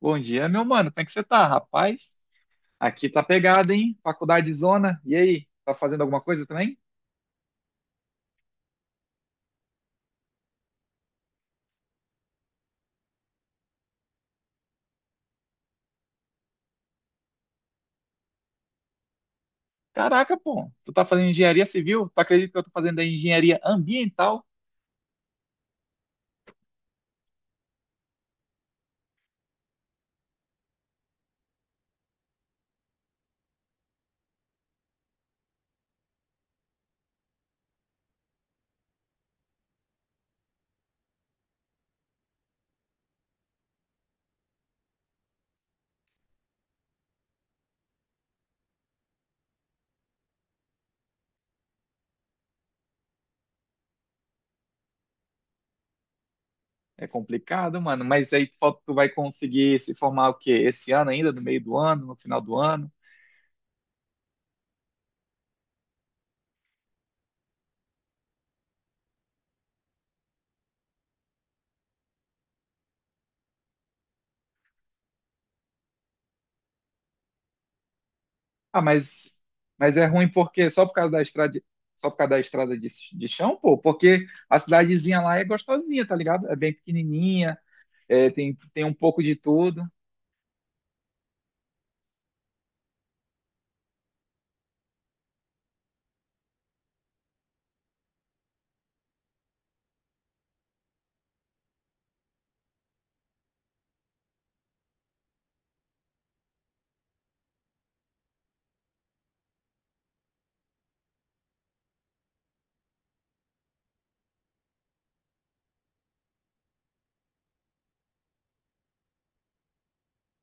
Bom dia, meu mano. Como é que você tá, rapaz? Aqui tá pegado, hein? Faculdade Zona. E aí, tá fazendo alguma coisa também? Caraca, pô. Tu tá fazendo engenharia civil? Tu acredita que eu tô fazendo aí engenharia ambiental? É complicado, mano. Mas aí tu vai conseguir se formar o quê? Esse ano ainda, no meio do ano, no final do ano? Ah, mas é ruim porque só por causa da estrada de chão, pô. Porque a cidadezinha lá é gostosinha, tá ligado? É bem pequenininha, é, tem um pouco de tudo.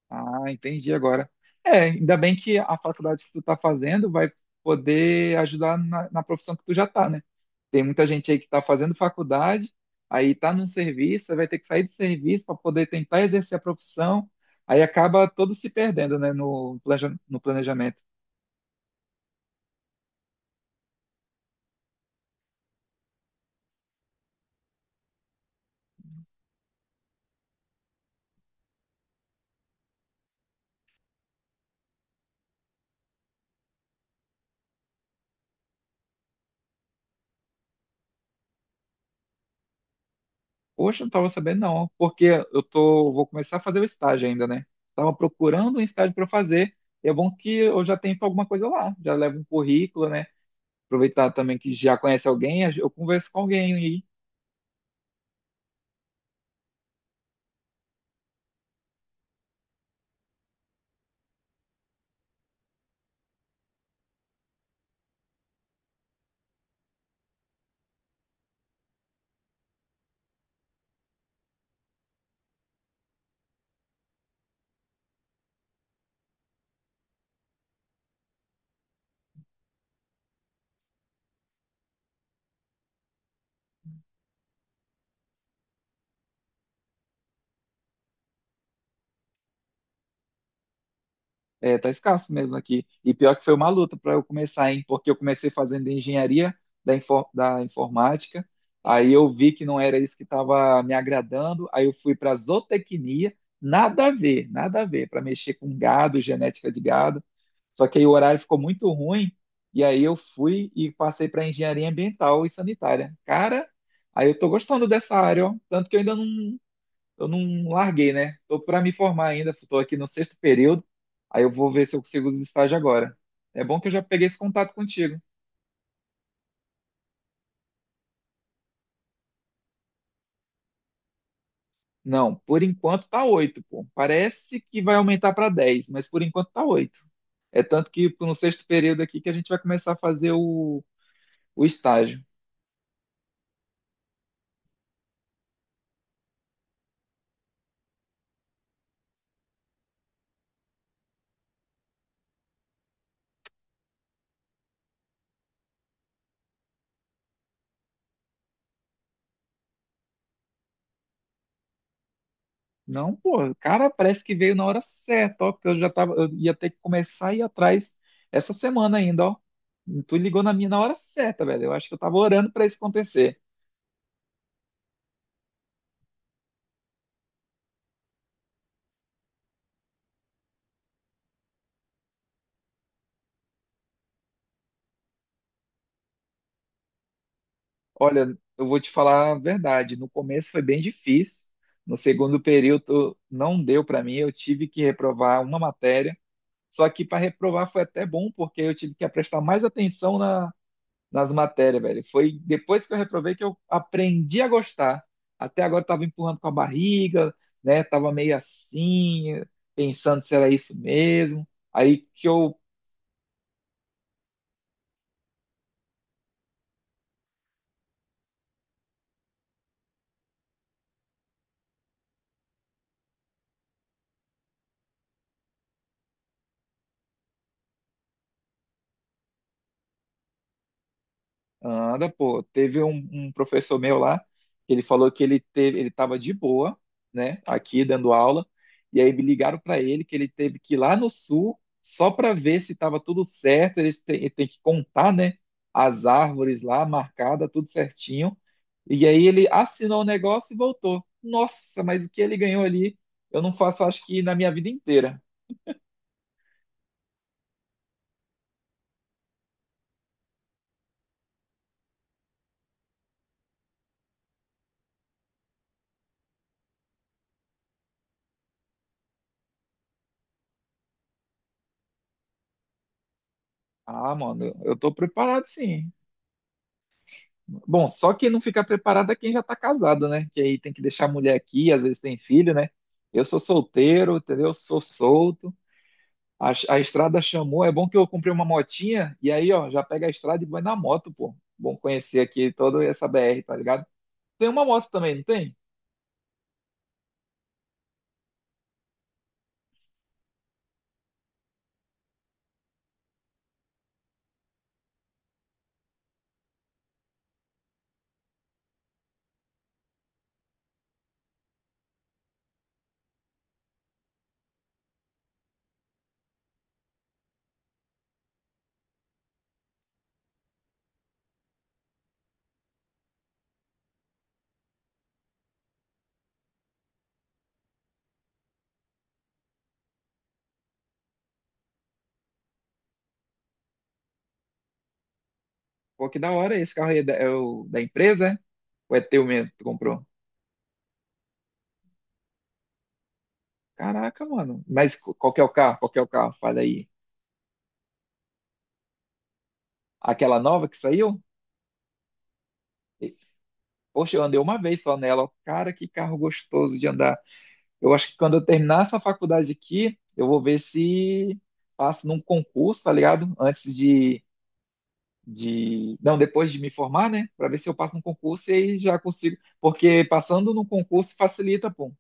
Ah, entendi agora. É, ainda bem que a faculdade que tu tá fazendo vai poder ajudar na profissão que tu já tá, né? Tem muita gente aí que tá fazendo faculdade, aí tá num serviço, aí vai ter que sair do serviço para poder tentar exercer a profissão, aí acaba todo se perdendo, né, no, no planejamento. Poxa, não tava sabendo não, porque eu tô, vou começar a fazer o estágio ainda, né? Tava procurando um estágio para fazer, e é bom que eu já tenho alguma coisa lá, já levo um currículo, né? Aproveitar também que já conhece alguém, eu converso com alguém e é, tá escasso mesmo aqui. E pior que foi uma luta para eu começar, hein? Porque eu comecei fazendo engenharia da informática, aí eu vi que não era isso que estava me agradando, aí eu fui para zootecnia, nada a ver, nada a ver, para mexer com gado, genética de gado. Só que aí o horário ficou muito ruim, e aí eu fui e passei para engenharia ambiental e sanitária. Cara, aí eu tô gostando dessa área, ó. Tanto que eu não larguei, né? Tô para me formar ainda, tô aqui no sexto período, aí eu vou ver se eu consigo os estágios agora. É bom que eu já peguei esse contato contigo. Não, por enquanto tá 8, pô. Parece que vai aumentar para 10, mas por enquanto tá 8. É tanto que no sexto período aqui que a gente vai começar a fazer o estágio. Não, pô, cara, parece que veio na hora certa, ó, porque eu já tava, eu ia ter que começar a ir atrás essa semana ainda, ó. Tu ligou na minha na hora certa, velho. Eu acho que eu tava orando para isso acontecer. Olha, eu vou te falar a verdade. No começo foi bem difícil. No segundo período não deu para mim. Eu tive que reprovar uma matéria. Só que para reprovar foi até bom, porque eu tive que prestar mais atenção nas matérias, velho. Foi depois que eu reprovei que eu aprendi a gostar. Até agora eu estava empurrando com a barriga, né? Tava meio assim, pensando se era isso mesmo. Aí que eu anda, pô. Teve um professor meu lá, que ele falou que ele teve, ele estava de boa, né, aqui dando aula, e aí me ligaram para ele que ele teve que ir lá no sul só para ver se estava tudo certo. Ele tem que contar, né, as árvores lá marcada, tudo certinho. E aí ele assinou o negócio e voltou. Nossa, mas o que ele ganhou ali, eu não faço, acho que na minha vida inteira. Ah, mano, eu tô preparado sim. Bom, só quem não fica preparado é quem já está casado, né? Que aí tem que deixar a mulher aqui, às vezes tem filho, né? Eu sou solteiro, entendeu? Sou solto. A estrada chamou. É bom que eu comprei uma motinha e aí, ó, já pega a estrada e vai na moto, pô. Bom conhecer aqui toda essa BR, tá ligado? Tem uma moto também, não tem? Pô, que da hora. Esse carro aí é o da empresa, é? Ou é teu mesmo que tu comprou? Caraca, mano. Mas qual que é o carro? Qual que é o carro? Fala aí. Aquela nova que saiu? Poxa, eu andei uma vez só nela, ó. Cara, que carro gostoso de andar. Eu acho que quando eu terminar essa faculdade aqui, eu vou ver se passo num concurso, tá ligado? Antes de... Não, depois de me formar, né? Pra ver se eu passo num concurso e aí já consigo. Porque passando num concurso facilita, pô.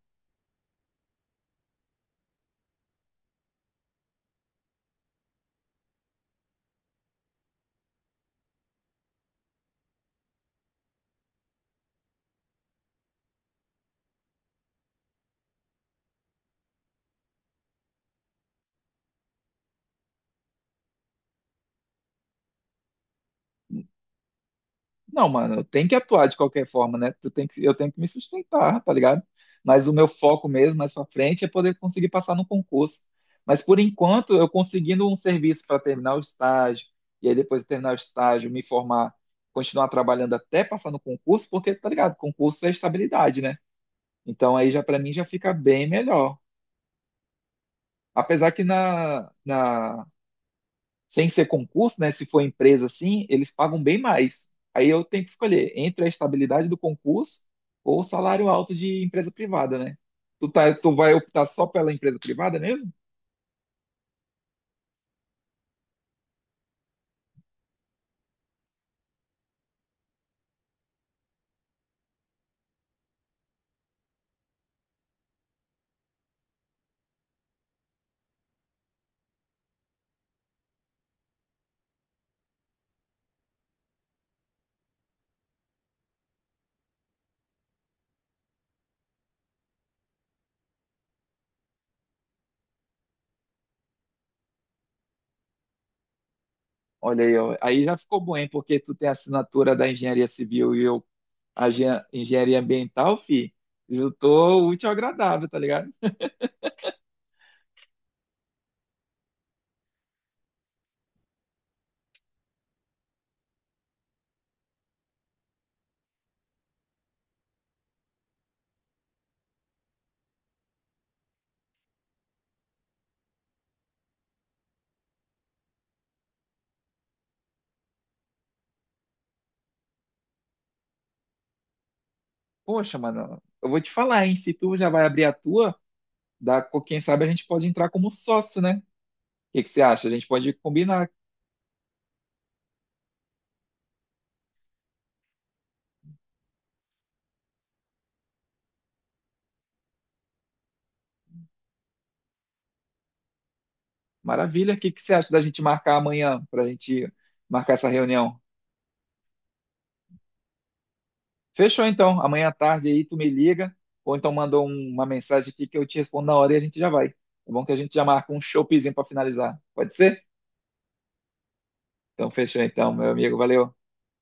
Não, mano, eu tenho que atuar de qualquer forma, né? Eu tenho que me sustentar, tá ligado? Mas o meu foco mesmo, mais pra frente, é poder conseguir passar no concurso. Mas por enquanto, eu conseguindo um serviço para terminar o estágio, e aí depois de terminar o estágio, me formar, continuar trabalhando até passar no concurso, porque, tá ligado? Concurso é estabilidade, né? Então aí já para mim já fica bem melhor. Apesar que na sem ser concurso, né? Se for empresa assim, eles pagam bem mais. Aí eu tenho que escolher entre a estabilidade do concurso ou o salário alto de empresa privada, né? Tu vai optar só pela empresa privada mesmo? Olha aí, ó. Aí já ficou bom, hein? Porque tu tem a assinatura da engenharia civil e eu engenharia ambiental, fi. Eu tô útil ao agradável, tá ligado? Poxa, mano, eu vou te falar, hein? Se tu já vai abrir a tua, dá, quem sabe a gente pode entrar como sócio, né? O que que você acha? A gente pode combinar. Maravilha. O que que você acha da gente marcar amanhã, para a gente marcar essa reunião? Fechou então. Amanhã à tarde aí tu me liga, ou então manda uma mensagem aqui que eu te respondo na hora e a gente já vai. Tá bom? Que a gente já marca um showzinho para finalizar. Pode ser? Então fechou então, meu amigo. Valeu.